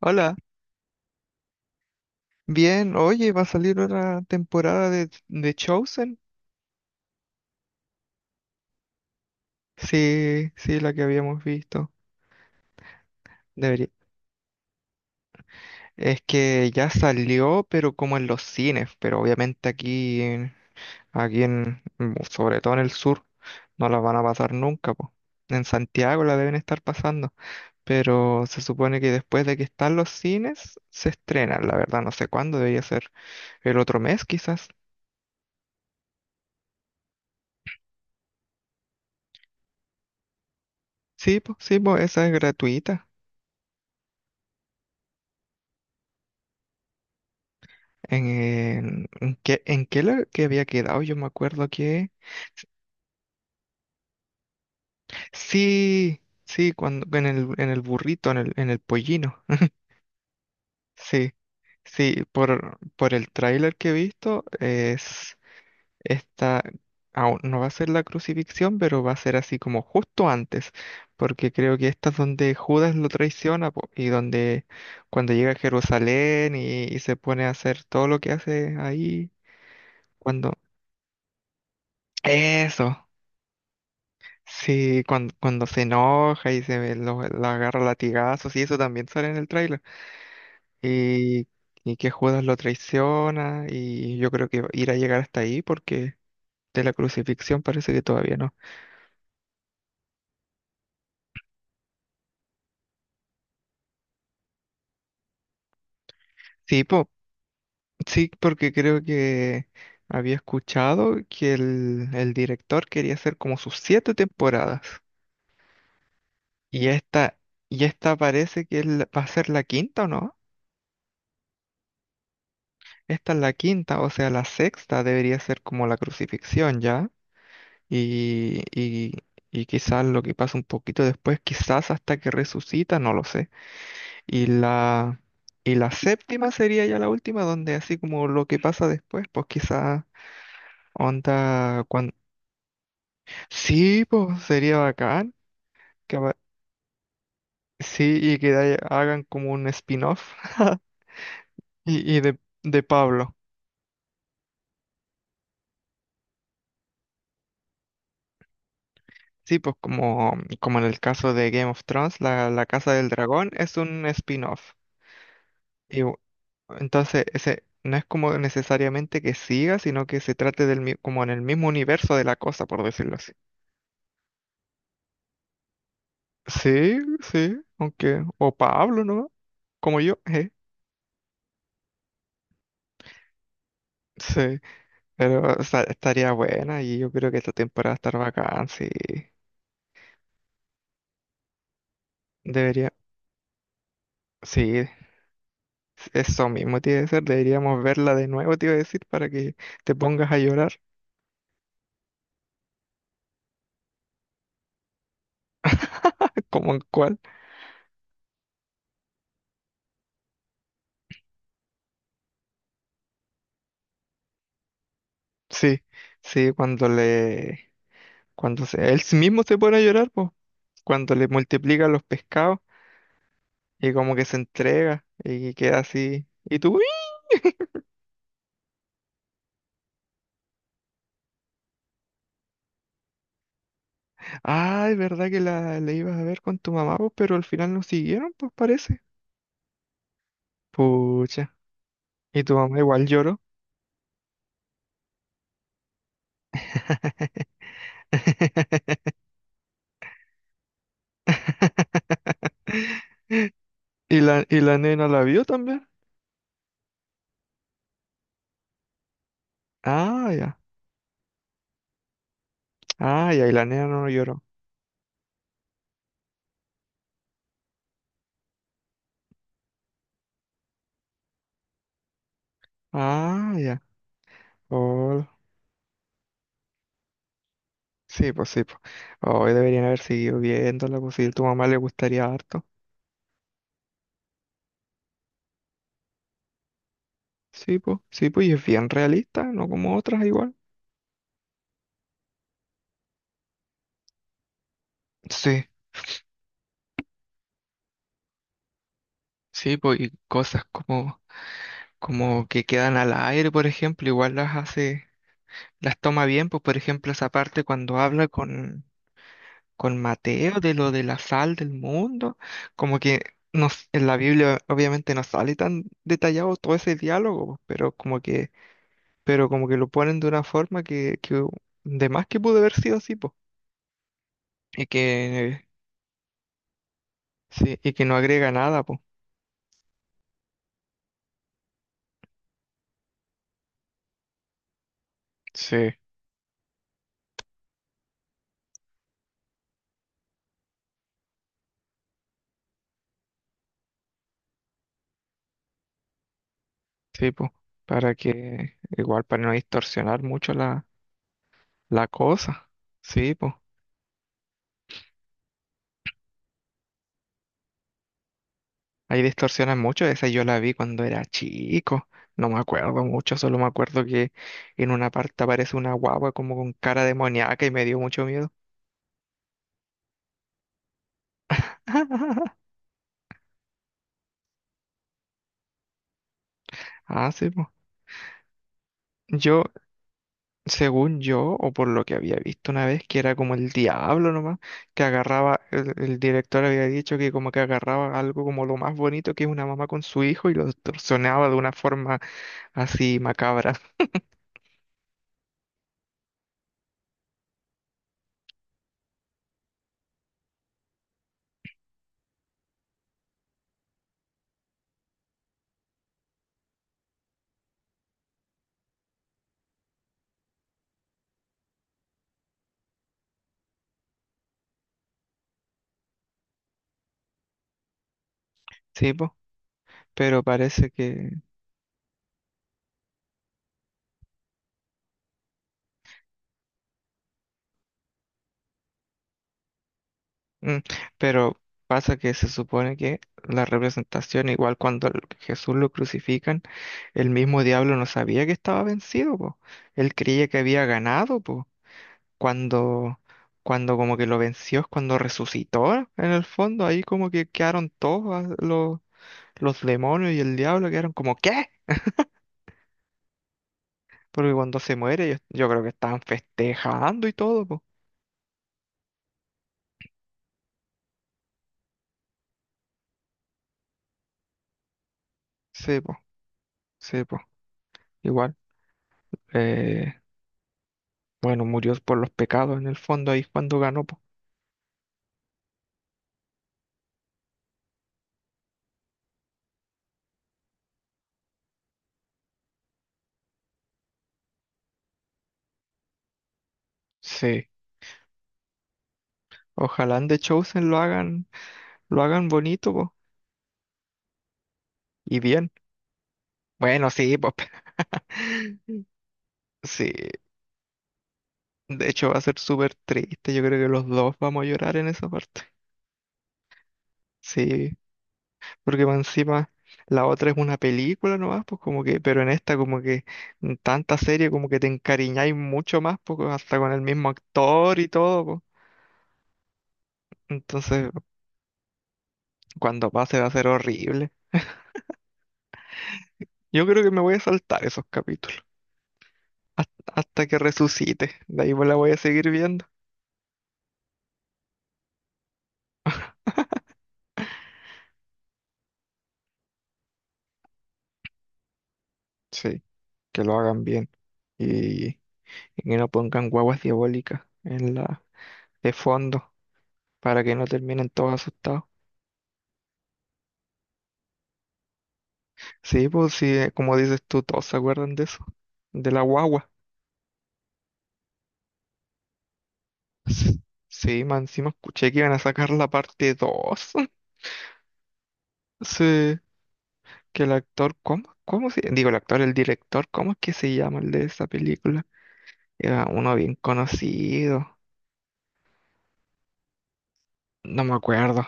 Hola, bien, oye, va a salir otra temporada de Chosen. Sí, sí, la que habíamos visto. Debería. Es que ya salió, pero como en los cines, pero obviamente aquí, aquí en, sobre todo en el sur, no la van a pasar nunca, po. En Santiago la deben estar pasando, pero se supone que después de que están los cines, se estrena. La verdad, no sé cuándo, debería ser el otro mes quizás. Sí, pues, esa es gratuita. En qué lo que había quedado, yo me acuerdo que. Sí, sí, cuando, en el burrito, en el pollino. Sí, sí, por el tráiler que he visto, es esta, aún no va a ser la crucifixión, pero va a ser así como justo antes, porque creo que esta es donde Judas lo traiciona po, y donde cuando llega a Jerusalén y se pone a hacer todo lo que hace ahí, cuando... eso. Sí, cuando, cuando se enoja y se lo agarra a latigazos y eso también sale en el tráiler. Y, y que Judas lo traiciona y yo creo que irá a llegar hasta ahí porque de la crucifixión parece que todavía no. Sí, sí, porque creo que había escuchado que el director quería hacer como sus siete temporadas. Y esta, y esta parece que es va a ser la quinta, ¿o no? Esta es la quinta, o sea, la sexta debería ser como la crucifixión, ¿ya? Y, y, y quizás lo que pasa un poquito después, quizás hasta que resucita, no lo sé. Y la, y la séptima sería ya la última, donde así como lo que pasa después, pues quizás onda cuando... Sí, pues sería bacán. que apa- Sí, y hagan como un spin-off. Y de Pablo. Sí, pues como en el caso de Game of Thrones, la Casa del Dragón es un spin-off. Y bu- entonces, ese no es como necesariamente que siga, sino que se trate como en el mismo universo de la cosa, por decirlo así. Sí, sí, aunque, o Pablo, ¿no? Como yo, sí, pero o sea, estaría buena y yo creo que esta temporada va a estar bacán, sí, debería, sí, eso mismo tiene que ser, deberíamos verla de nuevo, te iba a decir, para que te pongas a llorar. Como en cuál, sí, sí, cuando le, Cuando se- él mismo se pone a llorar, pues, cuando le multiplica los pescados y como que se entrega y queda así. ¿Y tú? ¡Uy! Ah, es verdad que la ibas a ver con tu mamá, pues, pero al final no siguieron, pues parece. Pucha. ¿Y tu mamá igual lloró? ¿Y la nena la vio también? Ah, ya. Ah, ya, y la nena no lloró. Ah, ya. Hola. Sí, pues sí, pues. Hoy deberían haber seguido viéndola, pues si tu mamá le gustaría harto. Sí, pues, y es bien realista, no como otras igual. Sí, sí, pues, y cosas como, que quedan al aire, por ejemplo, igual las hace, las toma bien, pues, por ejemplo, esa parte cuando habla con Mateo de lo de la sal del mundo, como que en la Biblia obviamente no sale tan detallado todo ese diálogo, pues, pero como que lo ponen de una forma que de más que pudo haber sido así, po. Y que, sí, y que no agrega nada, po. Sí, sí, po. Para que, igual, para no distorsionar mucho la cosa. Sí, po. Ahí distorsionan mucho. Esa yo la vi cuando era chico. No me acuerdo mucho, solo me acuerdo que en una parte aparece una guagua como con cara demoníaca y me dio mucho miedo. Ah, sí, po. Yo, según yo, o por lo que había visto una vez, que era como el diablo nomás, que agarraba, el director había dicho que como que agarraba algo como lo más bonito que es una mamá con su hijo y lo distorsionaba de una forma así macabra. ¿Sí, po? Pero parece que. mm, pero pasa que se supone que la representación, igual cuando el- Jesús lo crucifican, el mismo diablo no sabía que estaba vencido, po. Él creía que había ganado, po. Cuando, cuando como que lo venció, es cuando resucitó en el fondo, ahí como que quedaron todos ah, los demonios y el diablo, quedaron como ¿qué? Porque cuando se muere yo creo que estaban festejando y todo, po. Sí, po, sí, po. Igual, eh, bueno, murió por los pecados en el fondo, ahí es cuando ganó, po. Sí, ojalá en The Chosen lo hagan, bonito, po, y bien. Bueno, sí, po. Sí, de hecho, va a ser súper triste. Yo creo que los dos vamos a llorar en esa parte. Sí, porque más encima la otra es una película nomás, pues como que, pero en esta como que en tanta serie como que te encariñáis mucho más, pues hasta con el mismo actor y todo, pues. Entonces, cuando pase va a ser horrible. Yo creo que me voy a saltar esos capítulos hasta que resucite. De ahí pues la voy a seguir viendo. Sí, que lo hagan bien y que no pongan guaguas diabólicas en la de fondo. Para que no terminen todos asustados. Sí, pues sí, como dices tú, todos se acuerdan de eso, de la guagua. S- Sí, más encima escuché que iban a sacar la parte 2. Sí, que el actor, ¿cómo? ¿Cómo se...? Digo, el actor, el director, ¿cómo es que se llama el de esa película? Era uno bien conocido. No me acuerdo,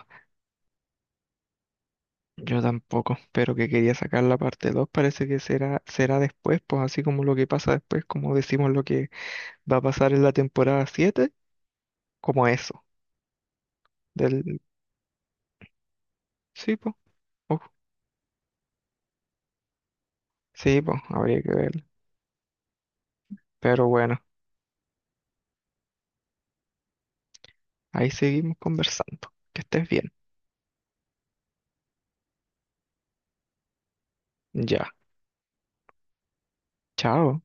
yo tampoco, pero que quería sacar la parte 2 parece que será, después, pues así como lo que pasa después, como decimos lo que va a pasar en la temporada 7 como eso, del, sí, pues. Uh, sí, pues, habría que ver. Pero bueno, ahí seguimos conversando. Que estés bien. Ya. Chao.